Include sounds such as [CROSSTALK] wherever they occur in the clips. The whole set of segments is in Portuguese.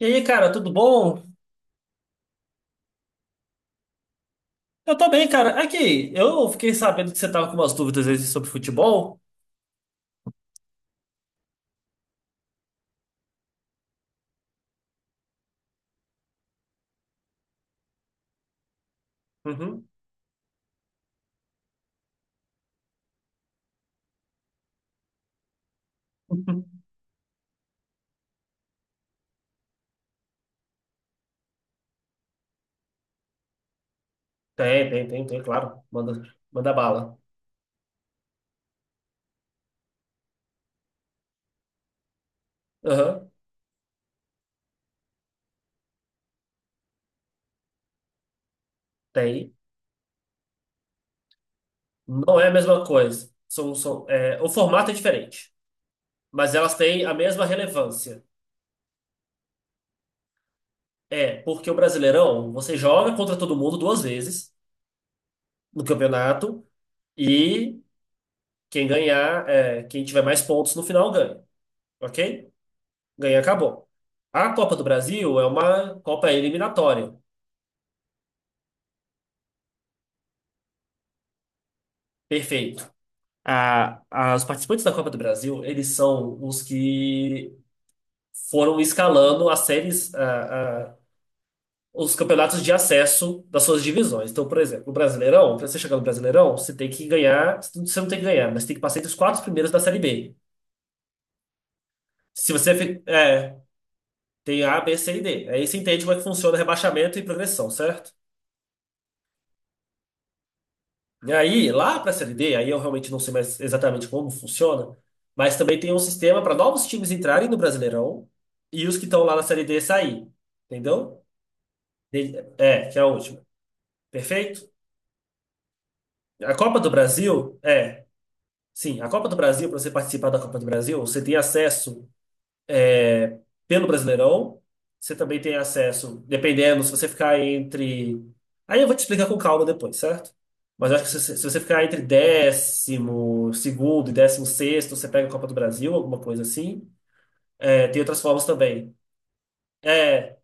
E aí, cara, tudo bom? Eu tô bem, cara. Aqui, eu fiquei sabendo que você tava com umas dúvidas aí sobre futebol. Uhum. [LAUGHS] Tem, tem, tem, tem, claro. Manda bala. Aham, tem. Não é a mesma coisa. O formato é diferente, mas elas têm a mesma relevância. É, porque o Brasileirão, você joga contra todo mundo duas vezes no campeonato e quem tiver mais pontos no final ganha, ok? Ganhar, acabou. A Copa do Brasil é uma Copa eliminatória. Perfeito. Os participantes da Copa do Brasil, eles são os que foram escalando as séries, os campeonatos de acesso das suas divisões. Então, por exemplo, o Brasileirão, para você chegar no Brasileirão, você tem que ganhar, você não tem que ganhar, mas tem que passar entre os quatro primeiros da Série B. Se você fi- É, tem A, B, C e D. Aí você entende como é que funciona rebaixamento e progressão, certo? E aí, lá para a Série D, aí eu realmente não sei mais exatamente como funciona, mas também tem um sistema para novos times entrarem no Brasileirão e os que estão lá na Série D sair. Entendeu? É, que é a última. Perfeito? A Copa do Brasil, é. Sim, a Copa do Brasil, para você participar da Copa do Brasil, você tem acesso pelo Brasileirão. Você também tem acesso, dependendo, se você ficar entre. Aí eu vou te explicar com calma depois, certo? Mas eu acho que se você ficar entre 12º e 16º, você pega a Copa do Brasil, alguma coisa assim. É, tem outras formas também. É,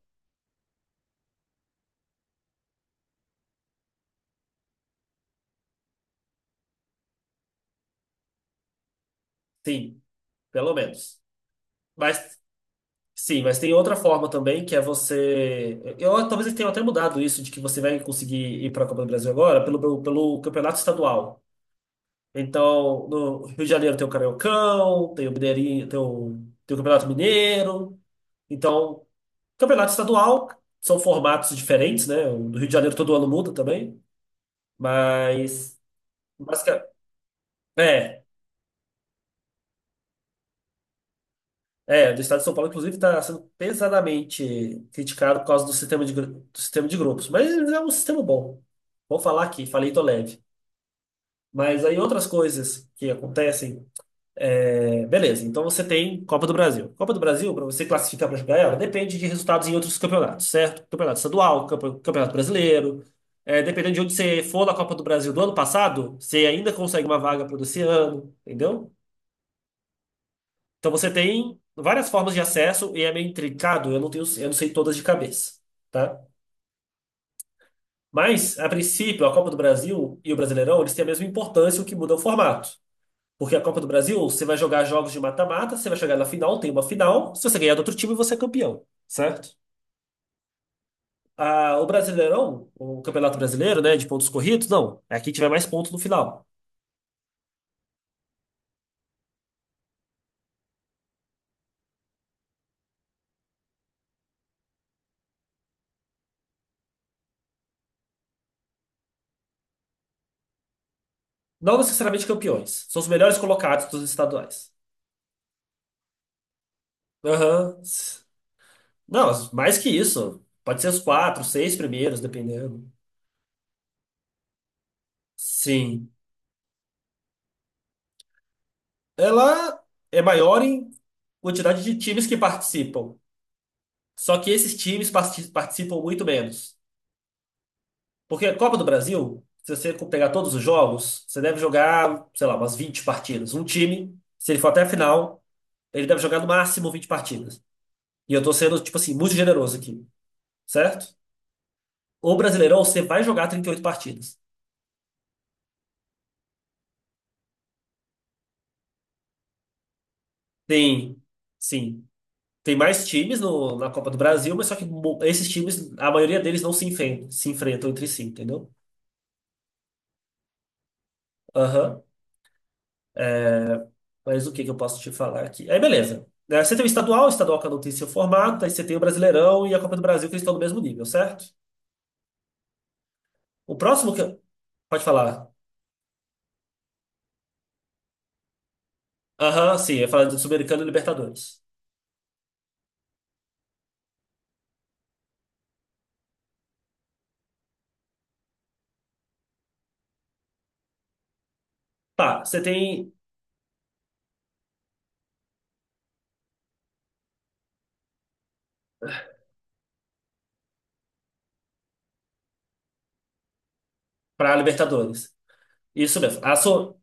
sim, pelo menos. Mas sim, mas tem outra forma também, que é você. Eu talvez eles tenham até mudado isso, de que você vai conseguir ir para a Copa do Brasil agora pelo campeonato estadual. Então, no Rio de Janeiro tem o Cariocão, tem o Mineirinho, tem o Campeonato Mineiro. Então, campeonato estadual são formatos diferentes, né? O do Rio de Janeiro todo ano muda também, mas, basicamente é, do estado de São Paulo inclusive está sendo pesadamente criticado por causa do sistema de grupos, mas é um sistema bom. Vou falar aqui, falei tô leve. Mas aí outras coisas que acontecem. É, beleza, então você tem Copa do Brasil. Copa do Brasil, para você classificar para jogar ela, depende de resultados em outros campeonatos, certo? Campeonato estadual, campeonato brasileiro. É, dependendo de onde você for na Copa do Brasil do ano passado, você ainda consegue uma vaga para esse ano, entendeu? Então você tem várias formas de acesso e é meio intricado, eu não sei todas de cabeça, tá? Mas, a princípio, a Copa do Brasil e o Brasileirão, eles têm a mesma importância, o que muda é o formato. Porque a Copa do Brasil, você vai jogar jogos de mata-mata, você vai chegar na final, tem uma final. Se você ganhar do outro time, você é campeão, certo? Ah, o Brasileirão, o Campeonato Brasileiro, né, de pontos corridos, não. É quem tiver mais pontos no final. Não necessariamente campeões. São os melhores colocados dos estaduais. Aham. Não, mais que isso. Pode ser os quatro, seis primeiros, dependendo. Sim. Ela é maior em quantidade de times que participam. Só que esses times participam muito menos. Porque a Copa do Brasil, se você pegar todos os jogos, você deve jogar, sei lá, umas 20 partidas. Um time, se ele for até a final, ele deve jogar no máximo 20 partidas. E eu tô sendo, tipo assim, muito generoso aqui, certo? O Brasileirão, você vai jogar 38 partidas. Tem, sim, tem mais times na Copa do Brasil, mas só que esses times, a maioria deles não se enfrentam, se enfrentam entre si, entendeu? Aham. Mas o que que eu posso te falar aqui? Aí, beleza. Né, você tem o estadual que eu não tem seu formato, aí você tem o Brasileirão e a Copa do Brasil, que eles estão no mesmo nível, certo? O próximo que. Pode falar. Aham, sim, eu ia falar do Sul-Americano e Libertadores. Tá, você tem para Libertadores. Isso mesmo.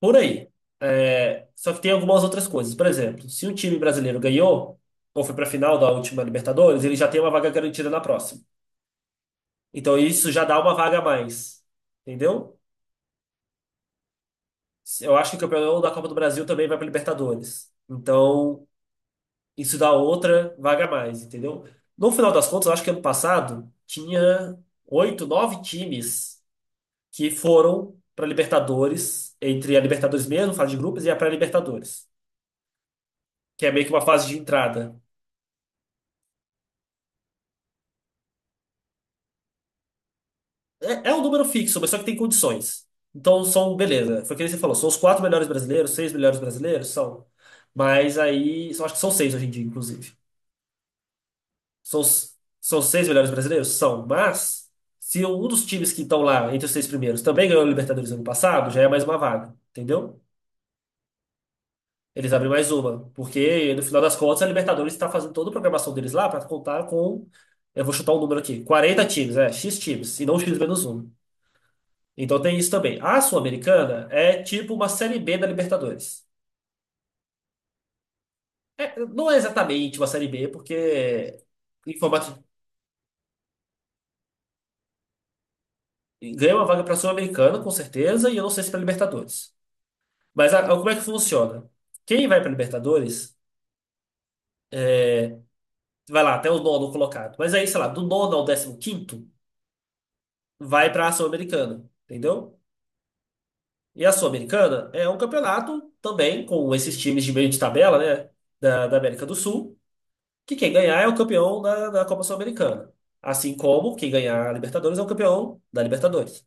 Por aí. É, só que tem algumas outras coisas. Por exemplo, se um time brasileiro ganhou, ou foi para a final da última Libertadores, ele já tem uma vaga garantida na próxima. Então isso já dá uma vaga a mais. Entendeu? Eu acho que o campeão da Copa do Brasil também vai para Libertadores. Então, isso dá outra vaga a mais, entendeu? No final das contas, eu acho que ano passado tinha oito, nove times que foram para Libertadores, entre a Libertadores mesmo, fase de grupos, e a pré-Libertadores, que é meio que uma fase de entrada. É, é um número fixo, mas só que tem condições. Então, beleza, foi o que você falou, são os quatro melhores brasileiros, seis melhores brasileiros, são. Mas aí, eu acho que são seis hoje em dia, inclusive. São, s- são seis melhores brasileiros? São, mas se um dos times que estão lá entre os seis primeiros também ganhou a Libertadores ano passado, já é mais uma vaga, entendeu? Eles abrem mais uma, porque no final das contas a Libertadores está fazendo toda a programação deles lá para contar com, eu vou chutar um número aqui, 40 times, X times, e não X menos um. Então tem isso também. A Sul-Americana é tipo uma Série B da Libertadores. É, não é exatamente uma Série B, porque em formato, ganha uma vaga para a Sul-Americana, com certeza, e eu não sei se para Libertadores. Mas como é que funciona? Quem vai para Libertadores, é, vai lá até o nono colocado. Mas aí, sei lá, do nono ao 15º, vai para a Sul-Americana, entendeu? E a Sul-Americana é um campeonato também com esses times de meio de tabela, né, da América do Sul, que quem ganhar é o campeão da Copa Sul-Americana. Assim como quem ganhar a Libertadores é o campeão da Libertadores.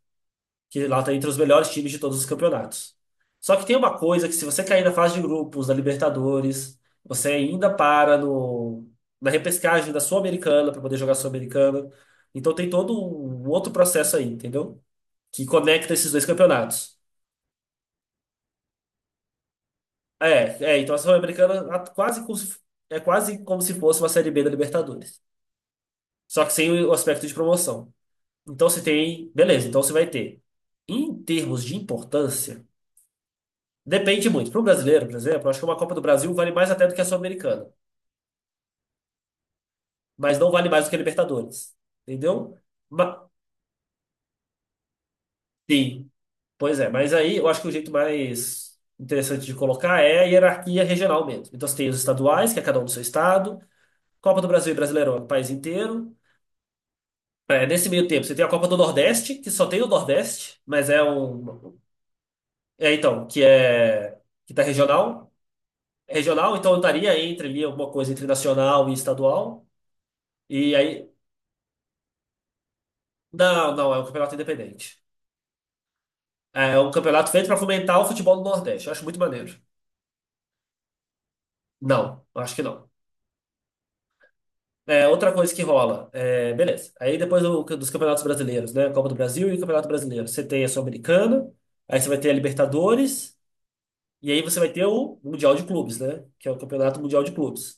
Que lá está entre os melhores times de todos os campeonatos. Só que tem uma coisa que se você cair na fase de grupos da Libertadores, você ainda para no, na repescagem da Sul-Americana para poder jogar a Sul-Americana. Então tem todo um outro processo aí, entendeu? Que conecta esses dois campeonatos. É, então a Sul-Americana a- quase como se- é quase como se fosse uma Série B da Libertadores. Só que sem o aspecto de promoção. Então você tem, beleza, então você vai ter. Em termos de importância, depende muito. Para o brasileiro, por exemplo, eu acho que uma Copa do Brasil vale mais até do que a Sul-Americana. Mas não vale mais do que a Libertadores. Entendeu? Ma- sim, pois é. Mas aí eu acho que o jeito mais interessante de colocar é a hierarquia regional mesmo. Então você tem os estaduais, que é cada um do seu estado. Copa do Brasil e Brasileirão é o país inteiro. É, nesse meio tempo você tem a Copa do Nordeste, que só tem o Nordeste, mas é um. É, então, que é. Que tá regional. Regional, então eu estaria entre ali alguma coisa entre nacional e estadual. E aí. Não, não, é um campeonato independente. É, um campeonato feito para fomentar o futebol do Nordeste. Eu acho muito maneiro. Não, eu acho que não. É, outra coisa que rola, beleza. Aí depois dos campeonatos brasileiros, né? Copa do Brasil e o Campeonato Brasileiro. Você tem a Sul-Americana, aí você vai ter a Libertadores, e aí você vai ter o Mundial de Clubes, né? Que é o Campeonato Mundial de Clubes.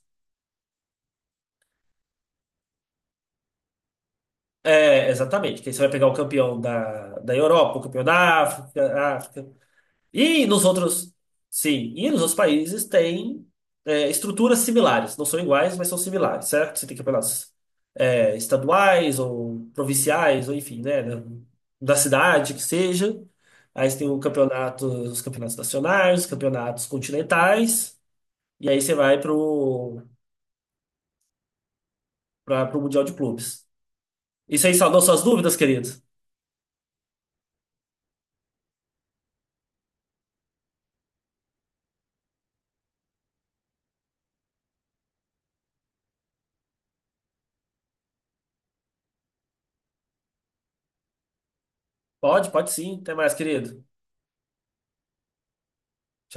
É, exatamente. Que aí você vai pegar o campeão da Europa, o campeão da África, África. E nos outros, sim, e nos outros países tem estruturas similares, não são iguais, mas são similares, certo? Você tem campeonatos estaduais ou provinciais, ou enfim, né, da cidade que seja. Aí você tem os campeonatos nacionais, os campeonatos continentais, e aí você vai pro Mundial de Clubes. Isso aí saldou suas dúvidas, querido? Pode, pode sim. Até mais, querido. Tchau.